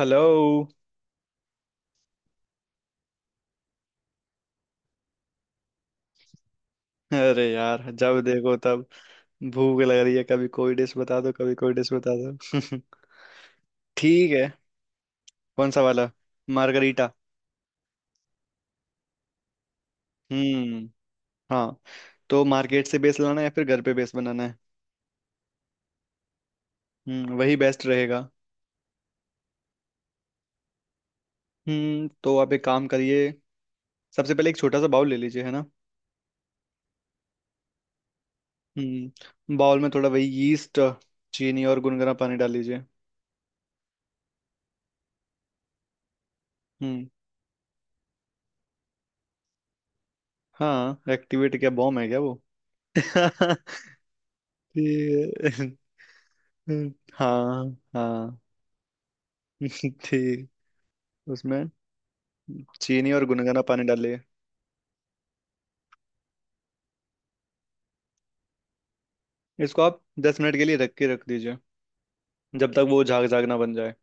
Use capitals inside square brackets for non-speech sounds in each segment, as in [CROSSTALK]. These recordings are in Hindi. हेलो। अरे यार, जब देखो तब भूख लग रही है। कभी कोई डिश बता दो, कभी कोई डिश बता दो [LAUGHS] ठीक है। कौन सा वाला? मार्गरीटा। हम्म। हाँ। तो मार्केट से बेस लाना है या फिर घर पे बेस बनाना है? हम्म, वही बेस्ट रहेगा। हम्म, तो आप एक काम करिए, सबसे पहले एक छोटा सा बाउल ले लीजिए, है ना। हम्म, बाउल में थोड़ा वही यीस्ट, चीनी और गुनगुना पानी डाल लीजिए। हम्म। हाँ, एक्टिवेट क्या बॉम्ब है क्या वो? [LAUGHS] ठीक है। हाँ। हाँ। ठीक उसमें चीनी और गुनगुना पानी डालिए। इसको आप 10 मिनट के लिए ढक के रख दीजिए, जब तक वो झाग झाग ना बन जाए।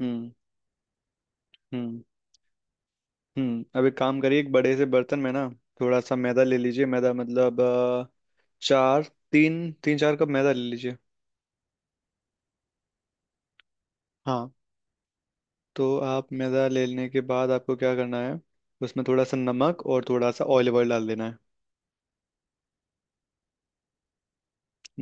हम्म। हम्म। हम्म, अब एक काम करिए, एक बड़े से बर्तन में ना थोड़ा सा मैदा ले लीजिए। मैदा मतलब चार तीन तीन चार कप मैदा ले लीजिए। हाँ, तो आप मैदा ले लेने के बाद आपको क्या करना है, उसमें थोड़ा सा नमक और थोड़ा सा ऑलिव ऑयल डाल देना है।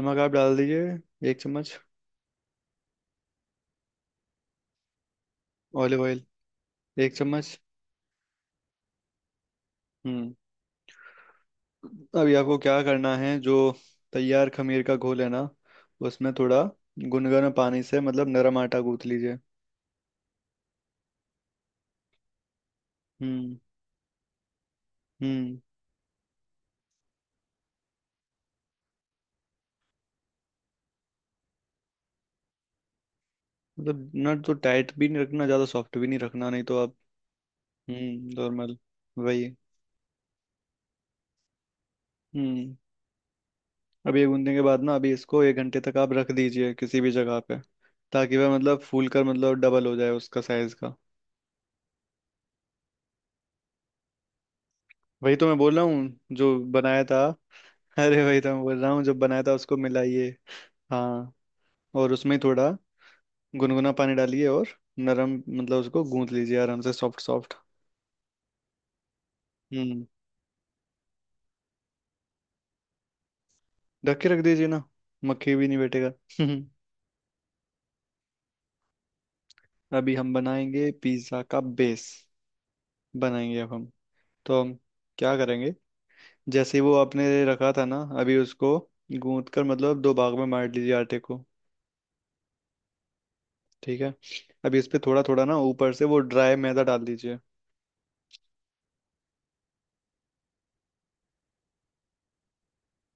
नमक आप डाल दीजिए 1 चम्मच। ऑलिव ऑयल 1 चम्मच। हम्म, अभी आपको क्या करना है, जो तैयार खमीर का घोल है ना, उसमें थोड़ा गुनगुना पानी से मतलब नरम आटा गूंथ लीजिए। हम्म। हम्म, मतलब ना तो टाइट भी नहीं रखना, ज्यादा सॉफ्ट भी नहीं रखना, नहीं तो आप। हम्म, नॉर्मल वही। हम्म, अब ये गूंदने के बाद ना अभी इसको 1 घंटे तक आप रख दीजिए किसी भी जगह पे, ताकि वह मतलब फूल कर मतलब डबल हो जाए उसका साइज का। वही तो मैं बोल रहा हूँ जो बनाया था। [LAUGHS] अरे वही तो मैं बोल रहा हूँ जो बनाया था, उसको मिलाइए। हाँ। और उसमें थोड़ा गुनगुना पानी डालिए और नरम मतलब उसको गूंथ लीजिए, आराम से, सॉफ्ट सॉफ्ट। हम्म, ढक के रख दीजिए ना, मक्खी भी नहीं बैठेगा [LAUGHS] अभी हम बनाएंगे पिज्ज़ा का बेस, बनाएंगे अब हम। तो हम क्या करेंगे, जैसे ही वो आपने रखा था ना अभी उसको गूंथ कर मतलब दो भाग में बांट लीजिए आटे को। ठीक है। अभी इस पे थोड़ा थोड़ा ना ऊपर से वो ड्राई मैदा डाल दीजिए।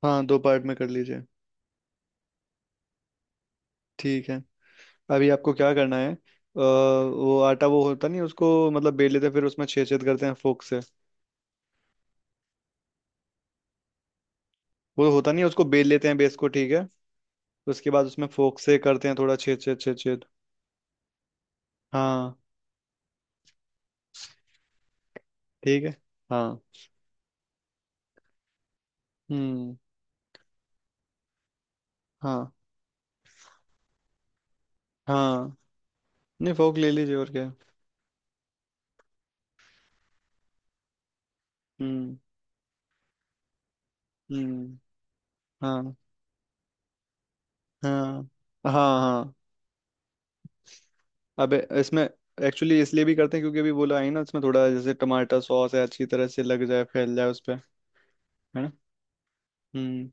हाँ, दो पार्ट में कर लीजिए। ठीक है, अभी आपको क्या करना है, वो आटा वो होता नहीं उसको मतलब बेल लेते हैं, फिर उसमें छेद छेद करते हैं फोक से। वो होता नहीं है, उसको बेल लेते हैं बेस को, ठीक है। उसके बाद उसमें फोक से करते हैं थोड़ा छेद छेद छेद छेद। हाँ। ठीक है। हाँ। हम्म। हाँ। हाँ। नहीं, फोक ले लीजिए और क्या। हम्म। हम्म। हाँ। हाँ हाँ। हाँ। अबे इसमें एक्चुअली इसलिए भी करते हैं, क्योंकि अभी बोला है ना, इसमें थोड़ा जैसे टमाटर सॉस है अच्छी तरह से लग जाए, फैल जाए उस पर, है ना। हम्म।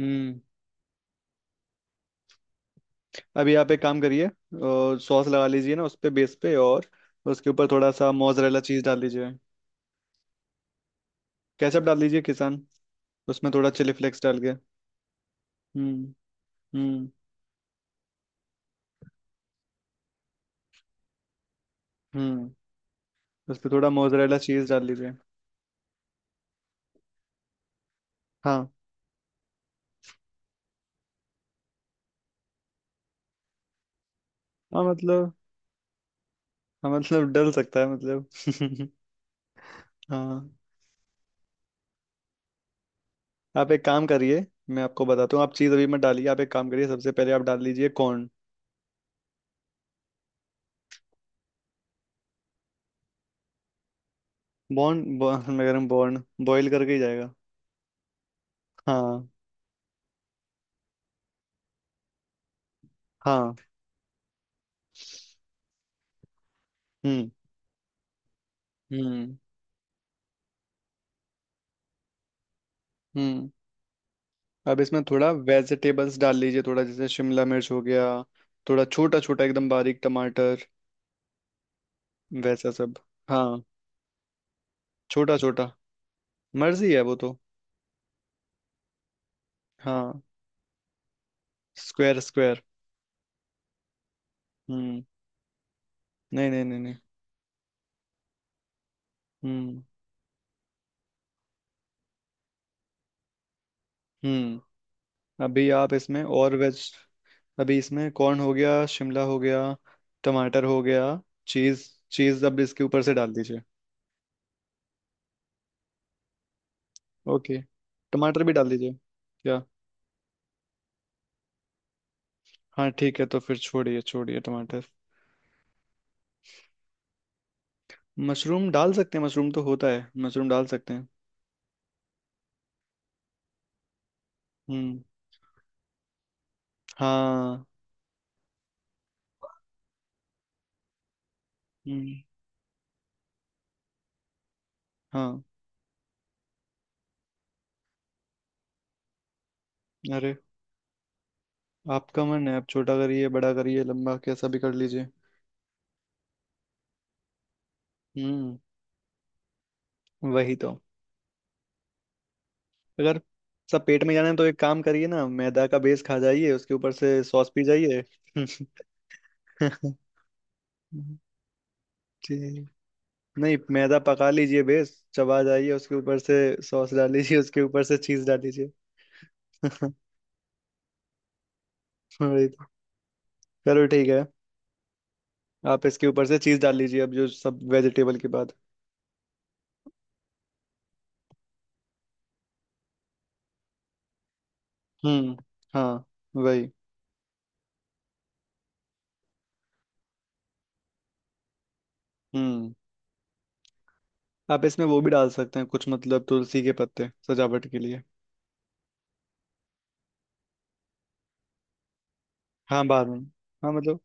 हम्म। अभी आप एक काम करिए, सॉस लगा लीजिए ना उस पे, बेस पे, और उसके ऊपर थोड़ा सा मोजरेला चीज डाल दीजिए। केचप डाल दीजिए किसान, उसमें थोड़ा चिली फ्लेक्स डाल के। हम्म। हम्म। हम्म, उस पे थोड़ा मोजरेला चीज डाल दीजिए। हाँ। हाँ मतलब, हाँ मतलब डल सकता है मतलब [LAUGHS] हाँ, आप एक काम करिए, मैं आपको बताता हूँ, आप चीज़ अभी मत डालिए, आप एक काम करिए, सबसे पहले आप डाल दीजिए कॉर्न। बॉर्न बॉर्न [LAUGHS] मैं कह रहा हूँ बॉर्न बॉईल करके ही जाएगा। हाँ। हाँ। हम्म। हम्म। हम्म, अब इसमें थोड़ा वेजिटेबल्स डाल लीजिए, थोड़ा जैसे शिमला मिर्च हो गया, थोड़ा छोटा छोटा एकदम बारीक टमाटर वैसा सब। हाँ, छोटा छोटा, मर्जी है वो तो। हाँ, स्क्वायर स्क्वायर। हम्म। नहीं नहीं नहीं नहीं। हम्म। हम्म, अभी आप इसमें और वेज, अभी इसमें कॉर्न हो गया, शिमला हो गया, टमाटर हो गया, चीज, चीज अब इसके ऊपर से डाल दीजिए। ओके, टमाटर भी डाल दीजिए क्या? हाँ ठीक है, तो फिर छोड़िए छोड़िए टमाटर। मशरूम डाल सकते हैं, मशरूम तो होता है, मशरूम डाल सकते हैं। हम्म। हाँ। हम्म। हाँ। अरे आपका मन है, आप छोटा करिए, बड़ा करिए, लंबा कैसा भी कर लीजिए। हम्म। वही तो। अगर सब पेट में जाना है तो एक काम करिए ना, मैदा का बेस खा जाइए, उसके ऊपर से सॉस पी जाइए। [LAUGHS] ठीक। नहीं मैदा पका लीजिए, बेस चबा जाइए, उसके ऊपर से सॉस डाल लीजिए, उसके ऊपर से चीज डाल लीजिए [LAUGHS] वही तो। चलो ठीक है। आप इसके ऊपर से चीज डाल लीजिए अब, जो सब वेजिटेबल के बाद। हम्म। हाँ। वही। हम्म, आप इसमें वो भी डाल सकते हैं कुछ मतलब तुलसी के पत्ते सजावट के लिए। हाँ बाद में। हाँ मतलब।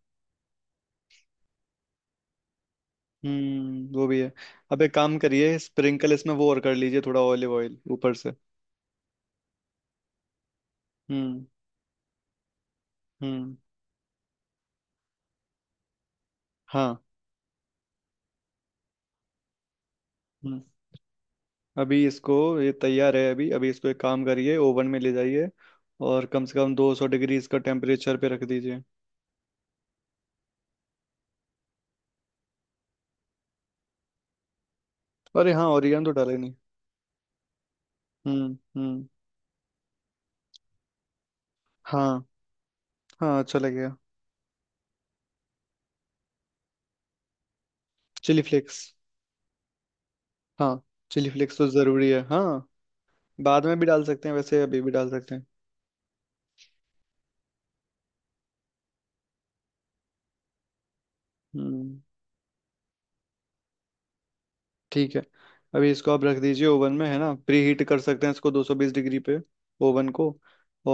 हम्म, वो भी है। अब एक काम करिए, स्प्रिंकल इसमें वो और कर लीजिए, थोड़ा ऑलिव ऑयल ऊपर से। हम्म। हम्म। हाँ। हम्म, अभी इसको, ये तैयार है, अभी अभी इसको एक काम करिए ओवन में ले जाइए और कम से कम 200 डिग्री इसका टेम्परेचर पे रख दीजिए। अरे हाँ, ओरिगेनो तो डाला ही नहीं। हम्म। हम्म। हाँ। हाँ अच्छा लगेगा। Chilli flakes. हाँ, चिली फ्लेक्स तो जरूरी है, हाँ। बाद में भी डाल सकते हैं, वैसे अभी भी डाल सकते हैं। हम्म। ठीक है, अभी इसको आप रख दीजिए ओवन में, है ना, प्री हीट कर सकते हैं इसको 220 डिग्री पे ओवन को,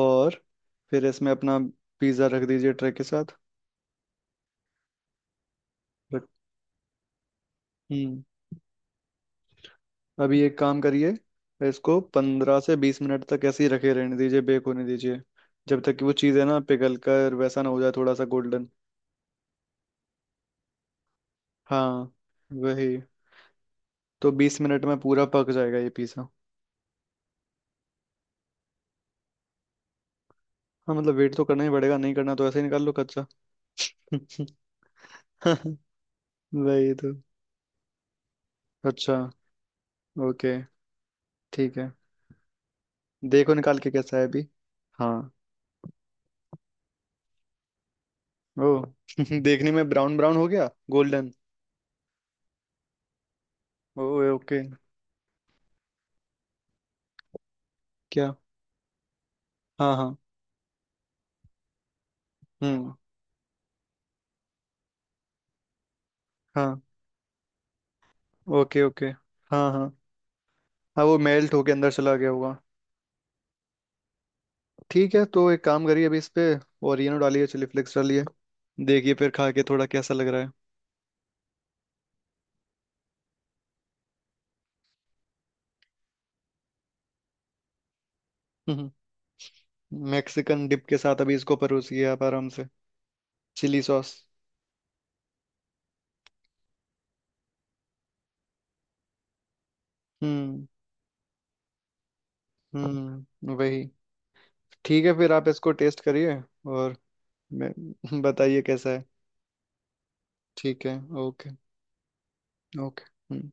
और फिर इसमें अपना पिज़्ज़ा रख दीजिए ट्रे के साथ। रख-। हम्म, अभी एक काम करिए, इसको 15 से 20 मिनट तक ऐसे ही रखे रहने दीजिए, बेक होने दीजिए, जब तक कि वो चीज़ है ना पिघल कर वैसा ना हो जाए, थोड़ा सा गोल्डन। हाँ, वही तो, 20 मिनट में पूरा पक जाएगा ये पिज़्ज़ा। हाँ मतलब वेट तो करना ही पड़ेगा, नहीं करना तो ऐसे ही निकाल लो कच्चा [LAUGHS] वही तो। अच्छा। ओके। ठीक है। देखो निकाल के कैसा है अभी। हाँ। ओ [LAUGHS] देखने में ब्राउन ब्राउन हो गया, गोल्डन। ओए ओके। क्या? हाँ हाँ। हम्म। हाँ। Okay okay. हाँ हाँ। हाँ, वो मेल्ट होके अंदर चला गया होगा। ठीक है, तो एक काम करिए, अभी इस पे ओरिएनो डालिए, चिली फ्लेक्स डालिए, देखिए फिर खा के थोड़ा कैसा लग रहा है। [LAUGHS] मैक्सिकन डिप के साथ अभी इसको परोसिए आप आराम से। Chilli sauce. हम्म। हम्म, वही। ठीक है, फिर आप इसको टेस्ट करिए, और मैं [LAUGHS] बताइए कैसा है। ठीक है। Okay okay. हम्म।